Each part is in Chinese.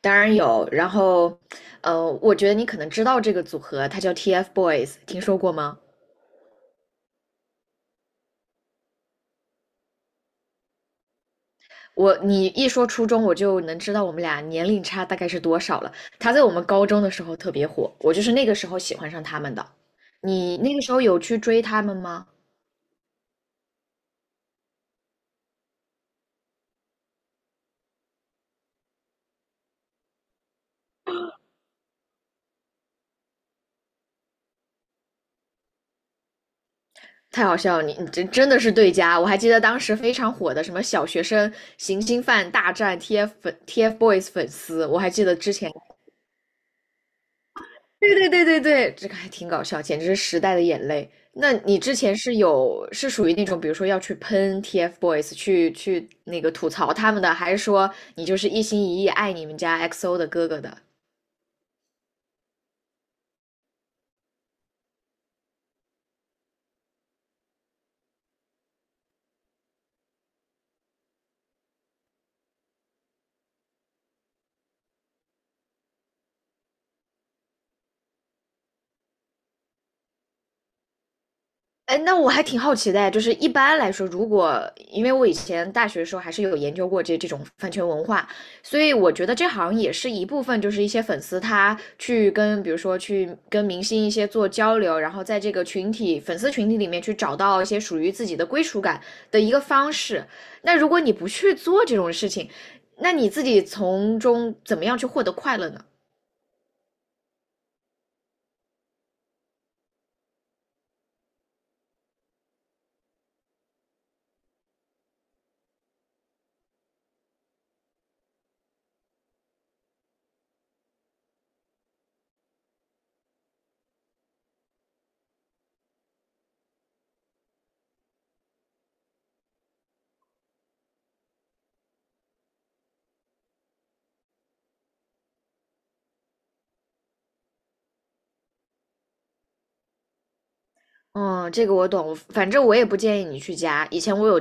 当然有。然后，我觉得你可能知道这个组合，它叫 TFBOYS，听说过吗？你一说初中，我就能知道我们俩年龄差大概是多少了。他在我们高中的时候特别火，我就是那个时候喜欢上他们的。你那个时候有去追他们吗？太好笑了，你真真的是对家。我还记得当时非常火的什么小学生行星饭大战 TF 粉 TFBOYS 粉丝，我还记得之前对对对对对，这个还挺搞笑，简直是时代的眼泪。那你之前是是属于那种，比如说要去喷 TFBOYS，去那个吐槽他们的，还是说你就是一心一意爱你们家 XO 的哥哥的？哎，那我还挺好奇的。就是一般来说，如果因为我以前大学的时候还是有研究过这种饭圈文化，所以我觉得这好像也是一部分，就是一些粉丝他去跟，比如说去跟明星做交流，然后在这个粉丝群体里面去找到一些属于自己的归属感的一个方式。那如果你不去做这种事情，那你自己从中怎么样去获得快乐呢？嗯，这个我懂，反正我也不建议你去加。以前我有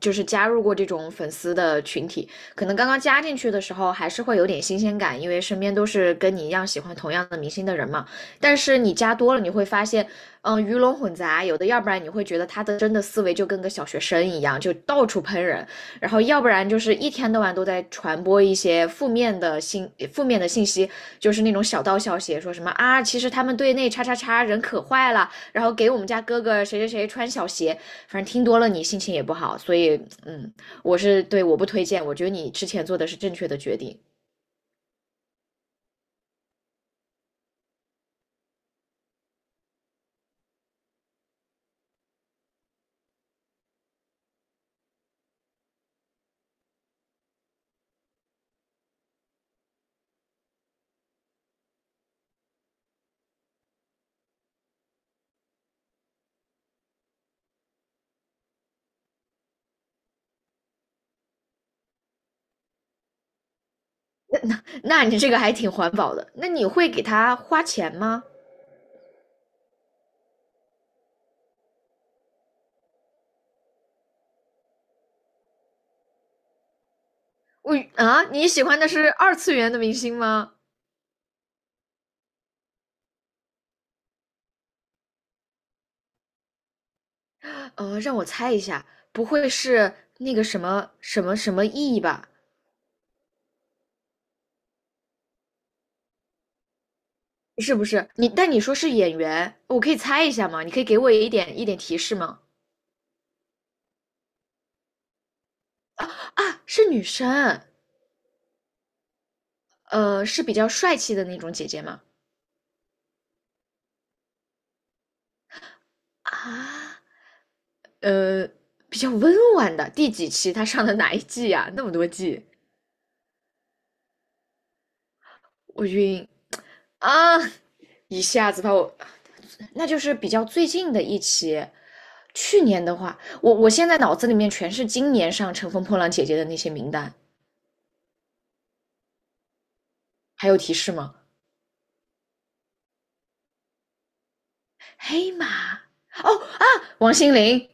就是加入过这种粉丝的群体，可能刚刚加进去的时候还是会有点新鲜感，因为身边都是跟你一样喜欢同样的明星的人嘛。但是你加多了，你会发现，嗯，鱼龙混杂，有的要不然你会觉得他的真的思维就跟个小学生一样，就到处喷人；然后要不然就是一天到晚都在传播一些负面的信息，就是那种小道消息，说什么啊，其实他们队内叉叉叉人可坏了，然后给我们家哥哥谁谁谁穿小鞋，反正听多了你心情也不好，所以嗯，我是对我不推荐，我觉得你之前做的是正确的决定。那你这个还挺环保的，那你会给他花钱吗？我啊，你喜欢的是二次元的明星吗？让我猜一下，不会是那个什么 E 吧？是不是你？但你说是演员，我可以猜一下吗？你可以给我一点提示吗？啊，是女生。是比较帅气的那种姐姐吗？啊，呃，比较温婉的，第几期她上的哪一季呀、那么多季？我晕啊！一下子把我，那就是比较最近的一期。去年的话，我现在脑子里面全是今年上《乘风破浪》姐姐的那些名单。还有提示吗？黑马哦啊，王心凌。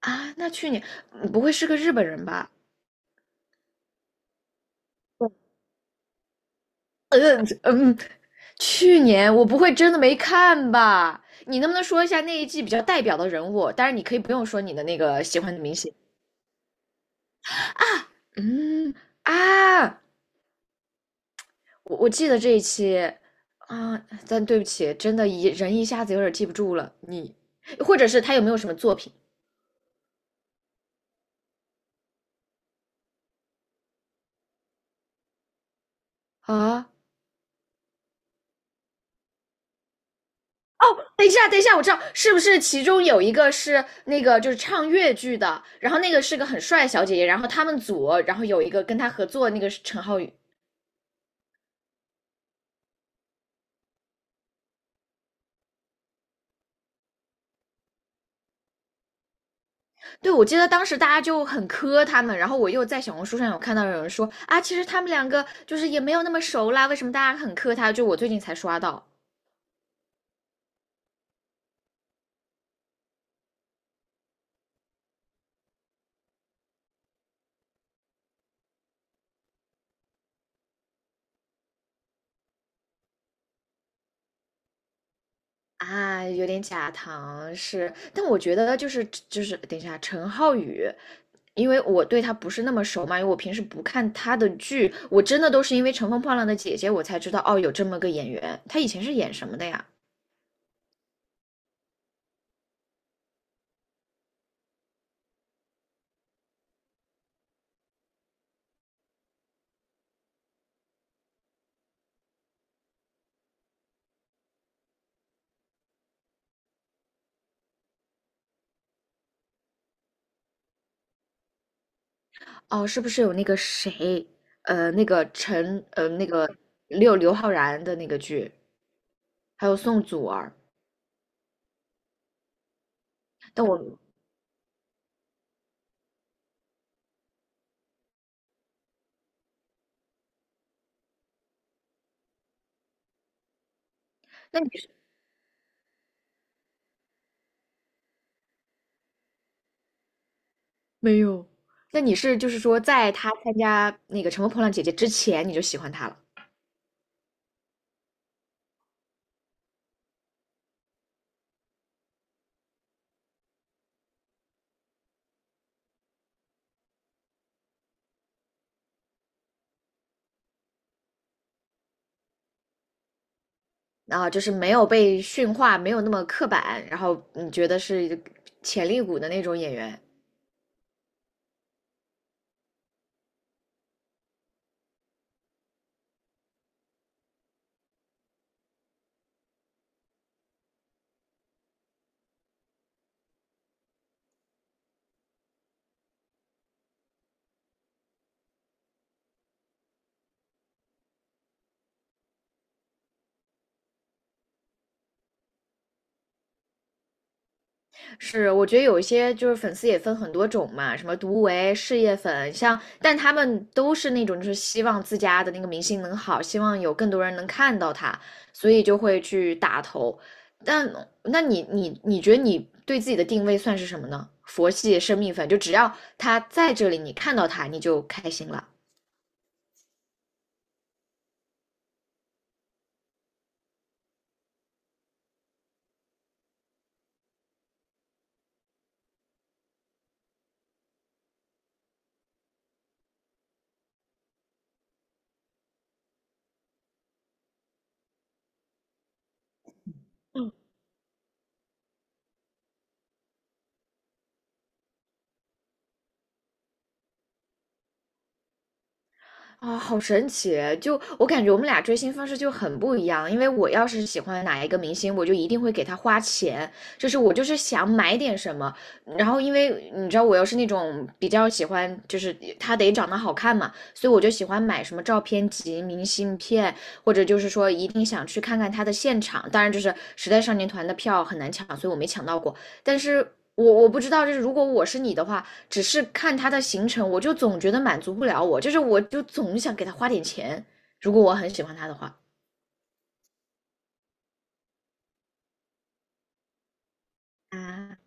啊，那去年嗯不会是个日本人吧？对，嗯嗯，去年我不会真的没看吧？你能不能说一下那一季比较代表的人物？当然，你可以不用说你的那个喜欢的明星。嗯啊，我我记得这一期啊，但对不起，真的一下子有点记不住了。你或者是他有没有什么作品啊？哦，等一下，等一下，我知道是不是其中有一个是那个就是唱越剧的，然后那个是个很帅的小姐姐，然后他们组，然后有一个跟他合作的那个是陈浩宇。对，我记得当时大家就很磕他们，然后我又在小红书上有看到有人说啊，其实他们两个就是也没有那么熟啦，为什么大家很磕他？就我最近才刷到啊，有点假糖是，但我觉得就是等一下，陈浩宇因为我对他不是那么熟嘛，因为我平时不看他的剧，我真的都是因为《乘风破浪的姐姐》我才知道哦，有这么个演员，他以前是演什么的呀？哦，是不是有那个谁，那个陈，那个刘昊然的那个剧，还有宋祖儿？但我，那你是没有？那你是就是说，在他参加那个《乘风破浪姐姐》之前，你就喜欢他了？然后就是没有被驯化，没有那么刻板，然后你觉得是潜力股的那种演员。是，我觉得有一些就是粉丝也分很多种嘛，什么独为事业粉，像，但他们都是那种就是希望自家的那个明星能好，希望有更多人能看到他，所以就会去打头。但那你觉得你对自己的定位算是什么呢？佛系生命粉，就只要他在这里，你看到他你就开心了。啊，好神奇！就我感觉我们俩追星方式就很不一样，因为我要是喜欢哪一个明星，我就一定会给他花钱，就是我就是想买点什么。然后因为你知道我又是那种比较喜欢，就是他得长得好看嘛，所以我就喜欢买什么照片集、明信片，或者就是说一定想去看看他的现场。当然，就是时代少年团的票很难抢，所以我没抢到过。但是我不知道，就是如果我是你的话，只是看他的行程，我就总觉得满足不了我，就是我就总想给他花点钱，如果我很喜欢他的话。啊，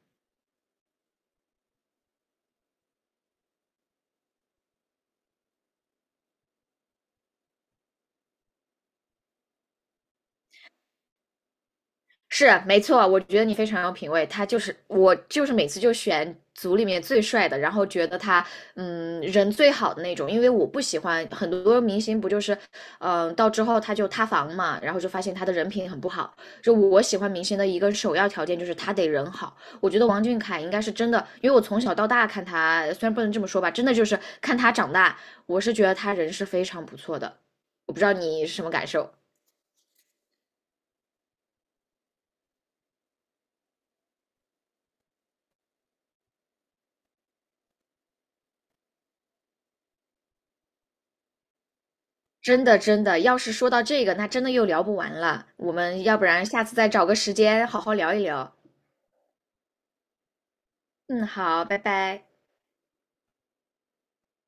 是没错，我觉得你非常有品味。他就是我，就是每次就选组里面最帅的，然后觉得他嗯人最好的那种。因为我不喜欢很多明星，不就是到之后他就塌房嘛，然后就发现他的人品很不好。就我喜欢明星的一个首要条件就是他得人好。我觉得王俊凯应该是真的，因为我从小到大看他，虽然不能这么说吧，真的就是看他长大，我是觉得他人是非常不错的。我不知道你是什么感受。真的，真的，要是说到这个，那真的又聊不完了。我们要不然下次再找个时间好好聊一聊。嗯，好，拜拜。